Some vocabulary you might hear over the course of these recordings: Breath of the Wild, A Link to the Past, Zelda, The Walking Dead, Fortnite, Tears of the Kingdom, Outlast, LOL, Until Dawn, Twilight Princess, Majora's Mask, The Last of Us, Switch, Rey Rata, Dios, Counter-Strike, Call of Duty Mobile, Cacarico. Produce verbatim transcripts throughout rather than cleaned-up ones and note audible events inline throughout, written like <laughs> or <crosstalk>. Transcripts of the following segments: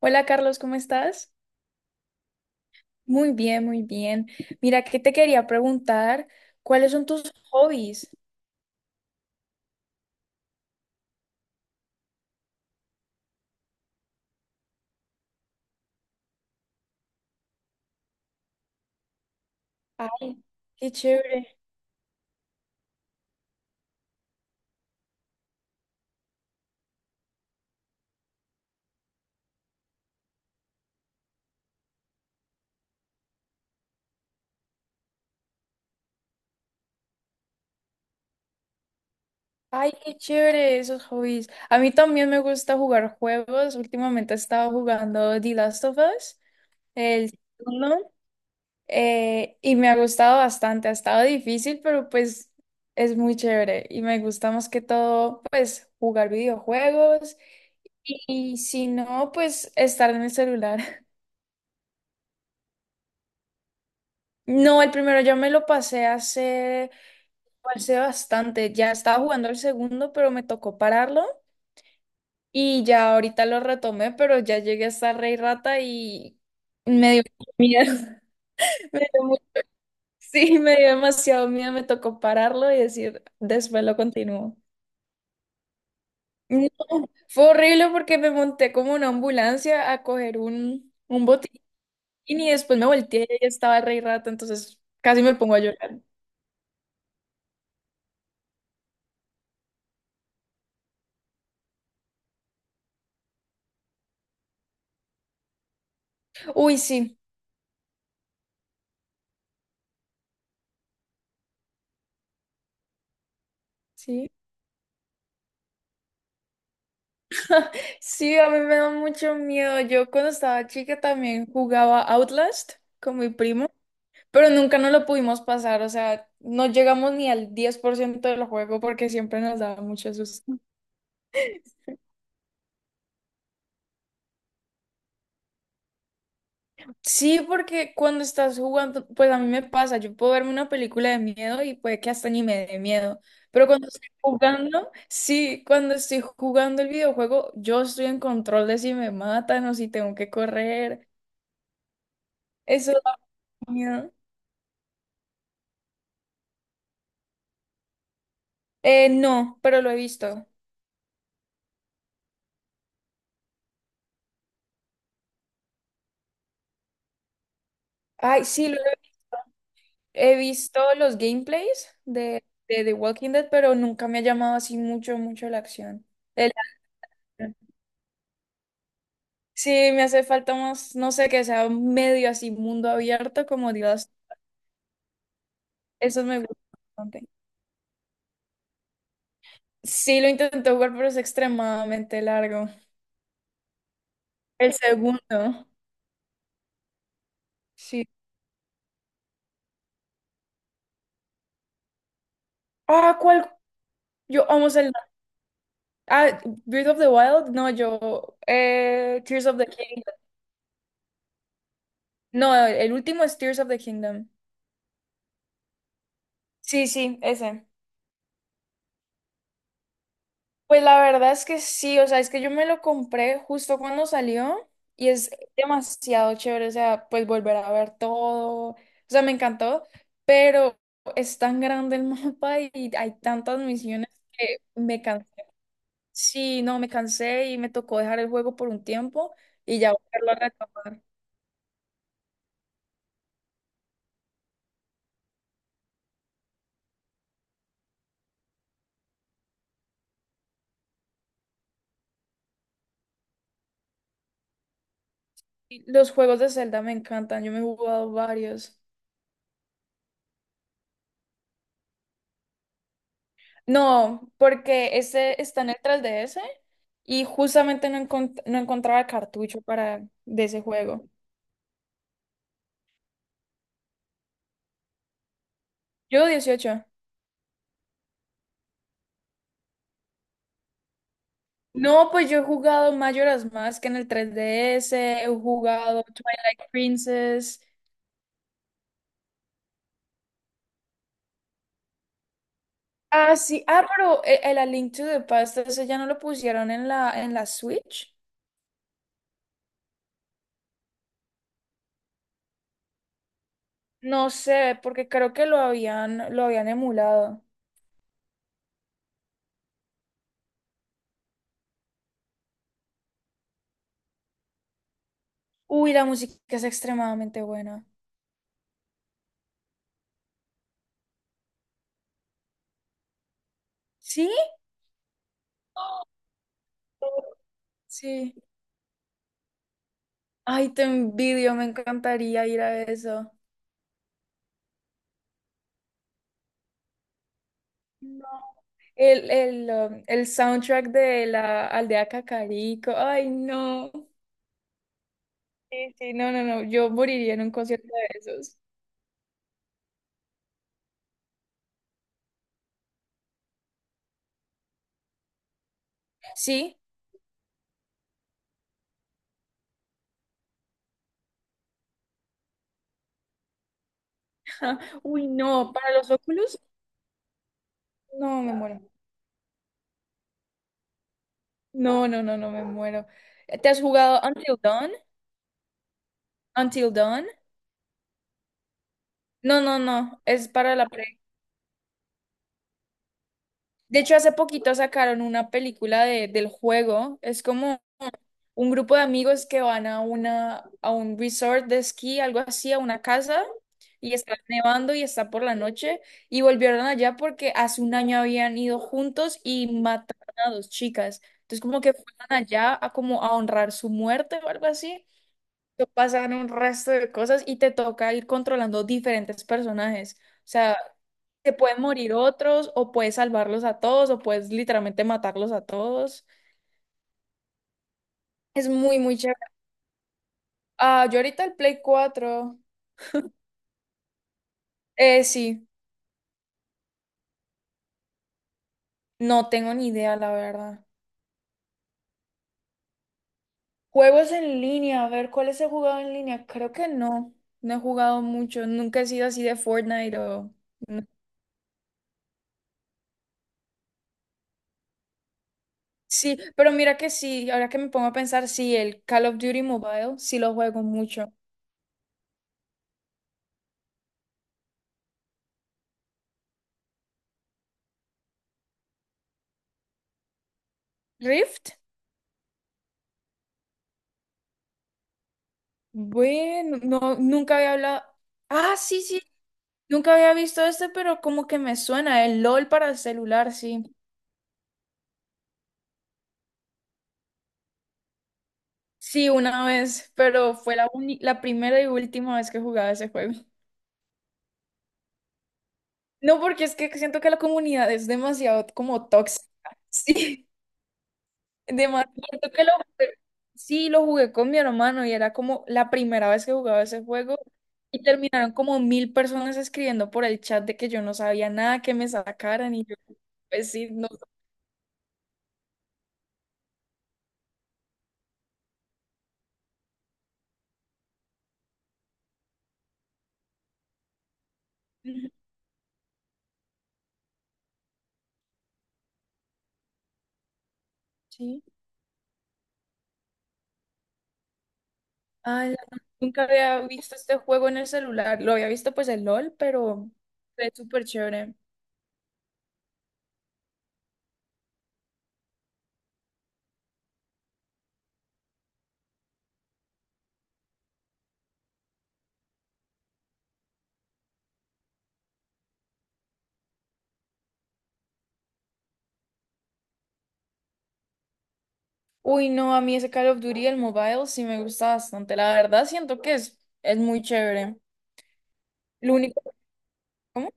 Hola Carlos, ¿cómo estás? Muy bien, muy bien. Mira, que te quería preguntar, ¿cuáles son tus hobbies? Ay, qué chévere. Ay, qué chévere esos hobbies. A mí también me gusta jugar juegos. Últimamente he estado jugando The Last of Us, el segundo, eh, y me ha gustado bastante. Ha estado difícil, pero pues es muy chévere y me gusta más que todo, pues, jugar videojuegos y y si no, pues estar en el celular. No, el primero ya me lo pasé hace, hace bastante. Ya estaba jugando el segundo, pero me tocó pararlo. Y ya ahorita lo retomé, pero ya llegué hasta Rey Rata y me dio miedo. <laughs> Me dio mu- sí, me dio demasiado miedo. Me tocó pararlo y decir, después lo continúo. No, fue horrible porque me monté como una ambulancia a coger un, un botín y después me volteé y ahí estaba el Rey Rata, entonces casi me pongo a llorar. Uy, sí, sí. Sí, a mí me da mucho miedo. Yo cuando estaba chica también jugaba Outlast con mi primo, pero nunca nos lo pudimos pasar, o sea, no llegamos ni al diez por ciento del juego porque siempre nos daba mucho susto. Sí, porque cuando estás jugando, pues a mí me pasa, yo puedo verme una película de miedo y puede que hasta ni me dé miedo, pero cuando estoy jugando, sí, cuando estoy jugando el videojuego, yo estoy en control de si me matan o si tengo que correr. Eso da miedo. Eh, no, pero lo he visto. Ay, sí, lo he he visto los gameplays de, de The Walking Dead, pero nunca me ha llamado así mucho, mucho la acción. El- sí, me hace falta más, no sé, que sea medio así mundo abierto como Dios. Eso me gusta bastante. Sí, lo intenté jugar, pero es extremadamente largo. El segundo, sí. Ah, ¿cuál? Yo amo el... Ah, Breath of the Wild, no, yo... eh, Tears of the Kingdom. No, el último es Tears of the Kingdom. Sí, sí, ese. Pues la verdad es que sí, o sea, es que yo me lo compré justo cuando salió y es demasiado chévere, o sea, pues volver a ver todo, o sea, me encantó, pero es tan grande el <laughs> mapa y hay tantas misiones que me cansé. Sí, no, me cansé y me tocó dejar el juego por un tiempo y ya volverlo a retomar. Y los juegos de Zelda me encantan, yo me he jugado varios. No, porque ese está en el tres D S y justamente no, encont- no encontraba cartucho para de ese juego. Yo dieciocho. No, pues yo he jugado Majora's Mask en el tres D S, he jugado Twilight Princess. Ah, sí. Ah, pero e- el A Link to the Past, ese ya no lo pusieron en la, en la Switch. No sé, porque creo que lo habían, lo habían emulado. Uy, la música es extremadamente buena. ¿Sí? Oh. Sí. Ay, te envidio, me encantaría ir a eso. No. El, el, um, el soundtrack de la aldea Cacarico. Ay, no. Sí, sí, no, no, no. Yo moriría en un concierto de esos. ¿Sí? <laughs> Uy, no. Para los óculos, no, me muero. No, no, no, no, me muero. Eh, ¿Te has jugado Until Dawn? ¿Until Dawn? No, no, no. Es para la pre. De hecho, hace poquito sacaron una película de, del juego. Es como un grupo de amigos que van a una, a un resort de esquí, algo así, a una casa, y está nevando y está por la noche, y volvieron allá porque hace un año habían ido juntos y mataron a dos chicas. Entonces como que fueron allá a como a honrar su muerte o algo así. Te pasan un resto de cosas y te toca ir controlando diferentes personajes. O sea, te pueden morir otros, o puedes salvarlos a todos, o puedes literalmente matarlos a todos. Es muy, muy chévere. Ah, yo ahorita el Play cuatro. Eh, sí, no tengo ni idea, la verdad. Juegos en línea, a ver, ¿cuáles he jugado en línea? Creo que no, no he jugado mucho, nunca he sido así de Fortnite o... No. Sí, pero mira que sí, ahora que me pongo a pensar, sí, el Call of Duty Mobile, sí lo juego mucho. ¿Rift? Bueno, no, nunca había hablado. Ah, sí, sí, nunca había visto este, pero como que me suena, el LOL para el celular, sí. Sí, una vez, pero fue la, uni- la primera y última vez que jugaba ese juego. <laughs> No, porque es que siento que la comunidad es demasiado como tóxica. <laughs> Sí, demasiado. Siento que lo jugué- sí, lo jugué con mi hermano y era como la primera vez que jugaba ese juego y terminaron como mil personas escribiendo por el chat de que yo no sabía nada, que me sacaran y yo, pues sí, no. <laughs> Sí. Ay, la- nunca había visto este juego en el celular. Lo había visto pues el LOL, pero fue súper chévere. Uy, no, a mí ese Call of Duty, el mobile, sí me gusta bastante. La verdad, siento que es, es muy chévere. Lo único, ¿cómo?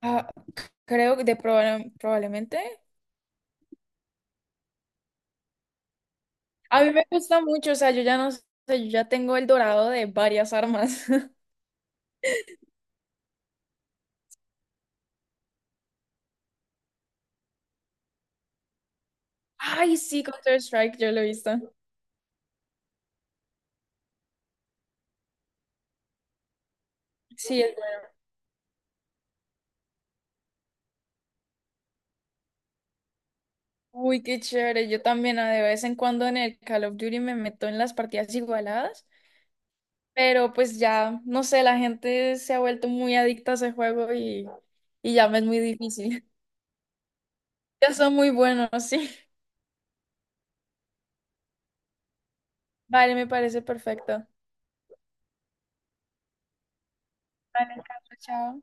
Ah, creo que de proba- probablemente. A mí me gusta mucho, o sea, yo ya no sé, yo ya tengo el dorado de varias armas. <laughs> Ay, sí, Counter-Strike, yo lo he visto. Sí, es bueno. Uy, qué chévere. Yo también ah, de vez en cuando en el Call of Duty me meto en las partidas igualadas, pero pues ya, no sé, la gente se ha vuelto muy adicta a ese juego y, y ya me es muy difícil. Ya son muy buenos, sí. Vale, me parece perfecto. Vale, Carlos, chao.